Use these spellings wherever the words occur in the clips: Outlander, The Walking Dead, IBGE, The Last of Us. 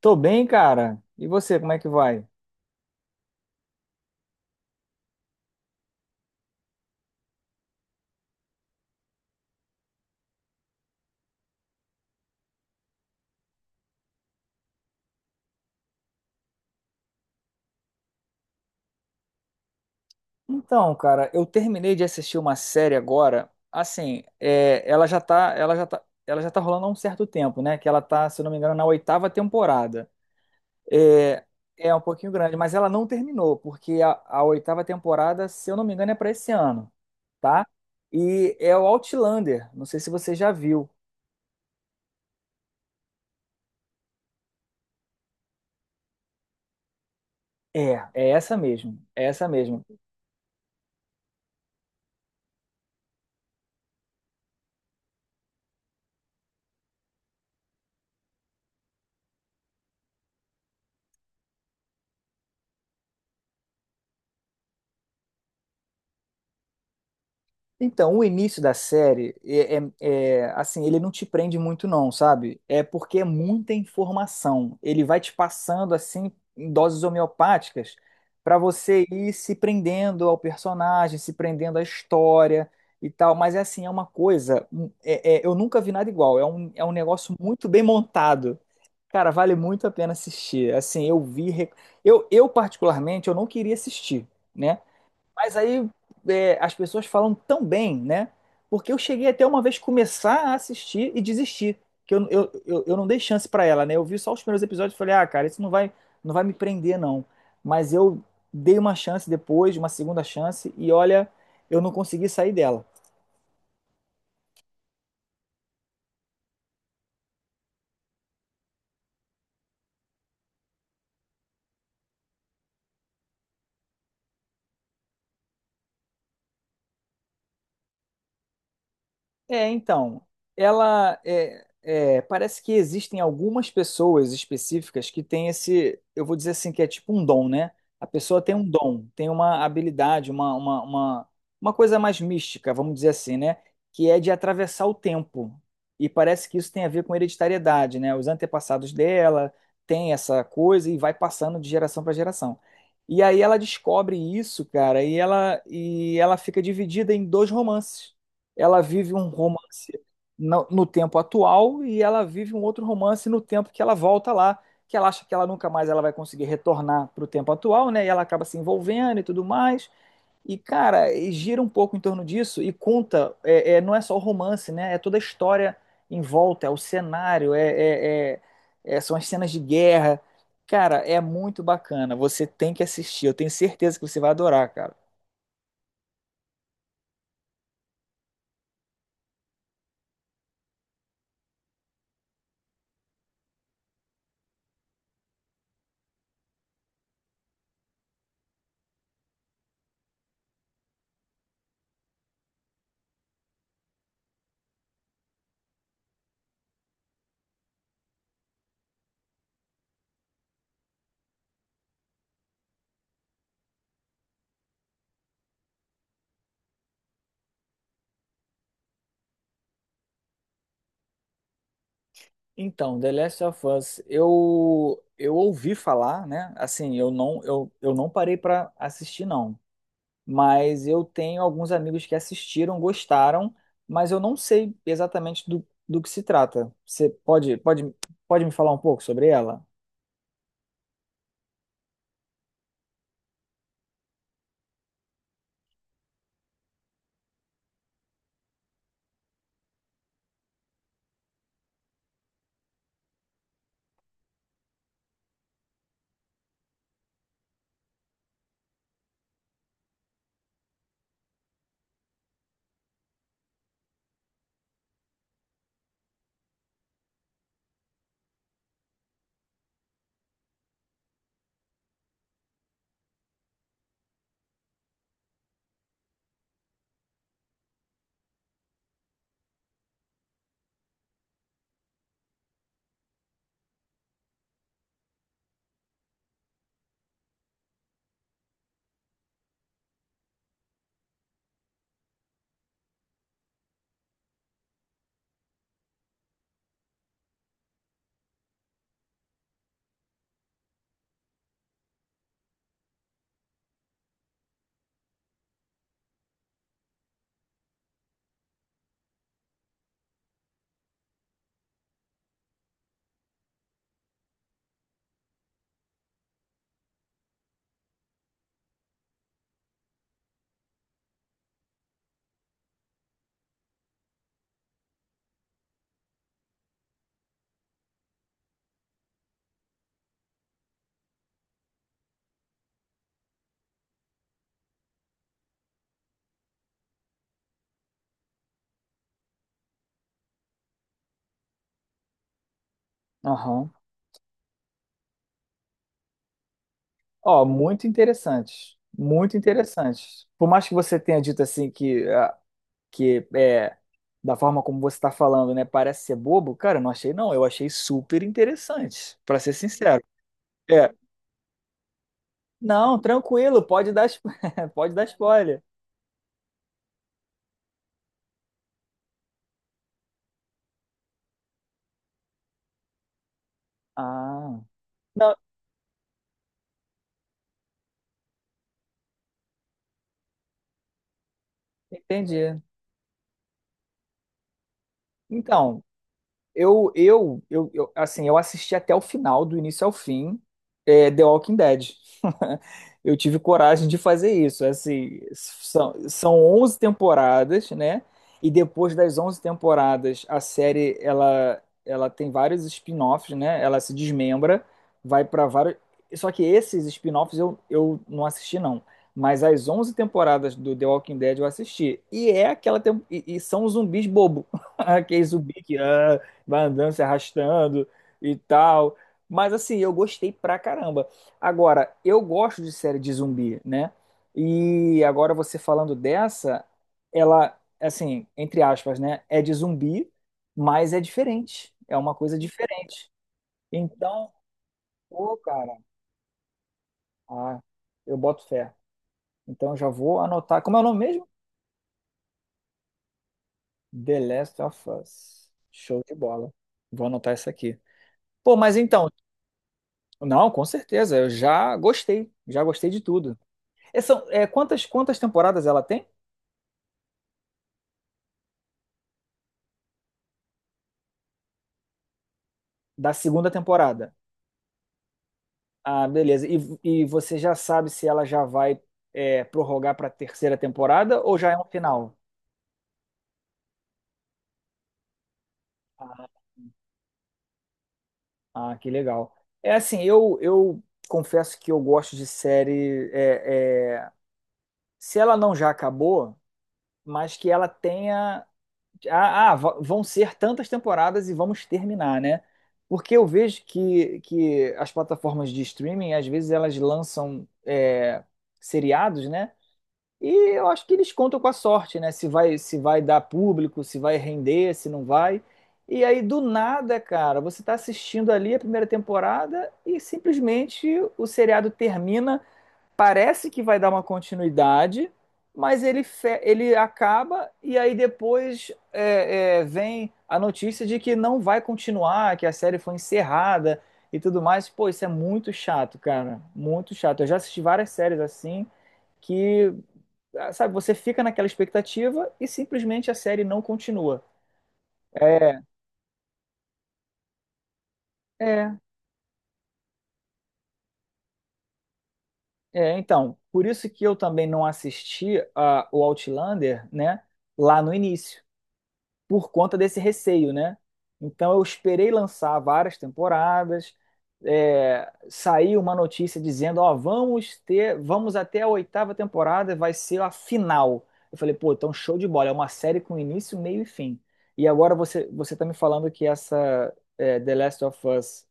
Tô bem, cara. E você, como é que vai? Então, cara, eu terminei de assistir uma série agora. Assim, ela já tá, ela já tá, ela já tá rolando há um certo tempo, né? Que ela tá, se eu não me engano, na oitava temporada. É, é um pouquinho grande, mas ela não terminou, porque a oitava temporada, se eu não me engano, é pra esse ano, tá? E é o Outlander. Não sei se você já viu. É essa mesmo, é essa mesmo. Então, o início da série é assim, ele não te prende muito não, sabe? É porque é muita informação. Ele vai te passando assim em doses homeopáticas para você ir se prendendo ao personagem, se prendendo à história e tal. Mas é assim, é uma coisa, eu nunca vi nada igual. É um negócio muito bem montado. Cara, vale muito a pena assistir. Assim, eu particularmente, eu não queria assistir, né? Mas aí as pessoas falam tão bem, né? Porque eu cheguei até uma vez começar a assistir e desistir. Que eu não dei chance pra ela, né? Eu vi só os primeiros episódios e falei, ah, cara, não vai me prender, não. Mas eu dei uma chance depois, uma segunda chance, e olha, eu não consegui sair dela. Então, ela parece que existem algumas pessoas específicas que têm esse, eu vou dizer assim, que é tipo um dom, né? A pessoa tem um dom, tem uma habilidade, uma coisa mais mística, vamos dizer assim, né? Que é de atravessar o tempo. E parece que isso tem a ver com hereditariedade, né? Os antepassados dela têm essa coisa e vai passando de geração para geração. E aí ela descobre isso, cara, e ela fica dividida em dois romances. Ela vive um romance no tempo atual e ela vive um outro romance no tempo que ela volta lá, que ela acha que ela nunca mais ela vai conseguir retornar para o tempo atual, né? E ela acaba se envolvendo e tudo mais. E, cara, e gira um pouco em torno disso e conta, não é só o romance, né? É toda a história em volta, é o cenário, são as cenas de guerra. Cara, é muito bacana. Você tem que assistir. Eu tenho certeza que você vai adorar, cara. Então, The Last of Us, eu ouvi falar, né? Assim, eu não parei para assistir não, mas eu tenho alguns amigos que assistiram, gostaram, mas eu não sei exatamente do que se trata. Você pode me falar um pouco sobre ela? Aham. Ó, muito interessante. Muito interessante. Por mais que você tenha dito assim que ah, que é da forma como você está falando, né? Parece ser bobo, cara, eu não achei não, eu achei super interessante, para ser sincero. É, não, tranquilo, pode dar spoiler. Ah, não, entendi. Então, eu assisti até o final, do início ao fim, The Walking Dead. Eu tive coragem de fazer isso. Assim, são 11 temporadas, né? E depois das 11 temporadas, a série ela tem vários spin-offs, né? Ela se desmembra, vai para vários. Só que esses spin-offs eu não assisti, não. Mas as 11 temporadas do The Walking Dead eu assisti. E é aquela. E são os zumbis bobo. Aquele zumbi que. Ah, vai andando, se arrastando e tal. Mas assim, eu gostei pra caramba. Agora, eu gosto de série de zumbi, né? E agora você falando dessa, ela, assim, entre aspas, né? É de zumbi, mas é diferente. É uma coisa diferente. Então, pô, cara, ah, eu boto fé. Então, eu já vou anotar. Como é o nome mesmo? The Last of Us. Show de bola. Vou anotar isso aqui. Pô, mas então, não, com certeza. Eu já gostei. Já gostei de tudo. Quantas temporadas ela tem? Da segunda temporada. Ah, beleza. E você já sabe se ela já vai prorrogar para a terceira temporada ou já é um final? Ah, ah, que legal. É assim, eu confesso que eu gosto de série. Se ela não já acabou, mas que ela tenha ah, ah, vão ser tantas temporadas e vamos terminar, né? Porque eu vejo que as plataformas de streaming, às vezes, elas lançam seriados, né? E eu acho que eles contam com a sorte, né? Se vai dar público, se vai render, se não vai. E aí, do nada, cara, você tá assistindo ali a primeira temporada e simplesmente o seriado termina parece que vai dar uma continuidade, mas ele acaba e aí depois vem a notícia de que não vai continuar, que a série foi encerrada e tudo mais. Pô, isso é muito chato, cara. Muito chato. Eu já assisti várias séries assim que, ah, sabe, você fica naquela expectativa e simplesmente a série não continua. É, é, é. Então, por isso que eu também não assisti a, o Outlander, né, lá no início, por conta desse receio, né? Então eu esperei lançar várias temporadas, saiu uma notícia dizendo, ó, vamos ter, vamos até a oitava temporada, vai ser a final. Eu falei, pô, então show de bola, é uma série com início, meio e fim. E agora você tá me falando que essa The Last of Us,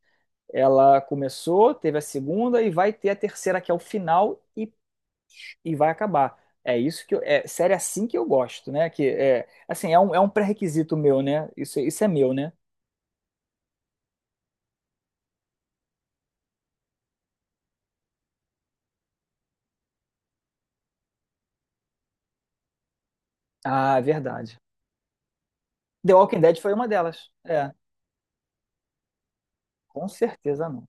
ela começou, teve a segunda e vai ter a terceira que é o final e vai acabar. É isso que eu, é série assim que eu gosto, né? Que é assim, é um pré-requisito meu, né? Isso é meu, né? Ah, verdade. The Walking Dead foi uma delas. É, com certeza não.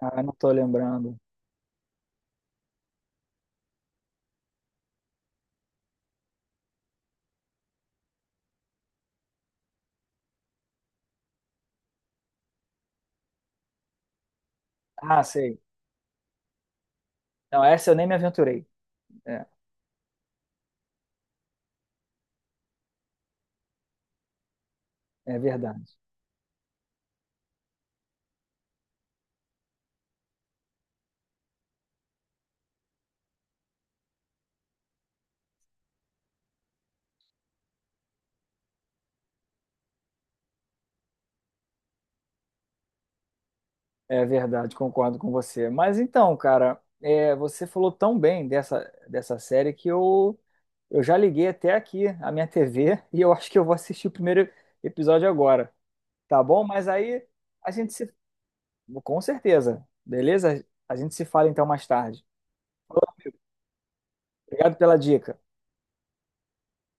Ah, não tô lembrando. Ah, sei. Não, essa eu nem me aventurei. É, é verdade. É verdade, concordo com você. Mas então, cara, você falou tão bem dessa, dessa série que eu já liguei até aqui a minha TV e eu acho que eu vou assistir o primeiro episódio agora. Tá bom? Mas aí a gente se. Com certeza. Beleza? A gente se fala então mais tarde. Obrigado pela dica.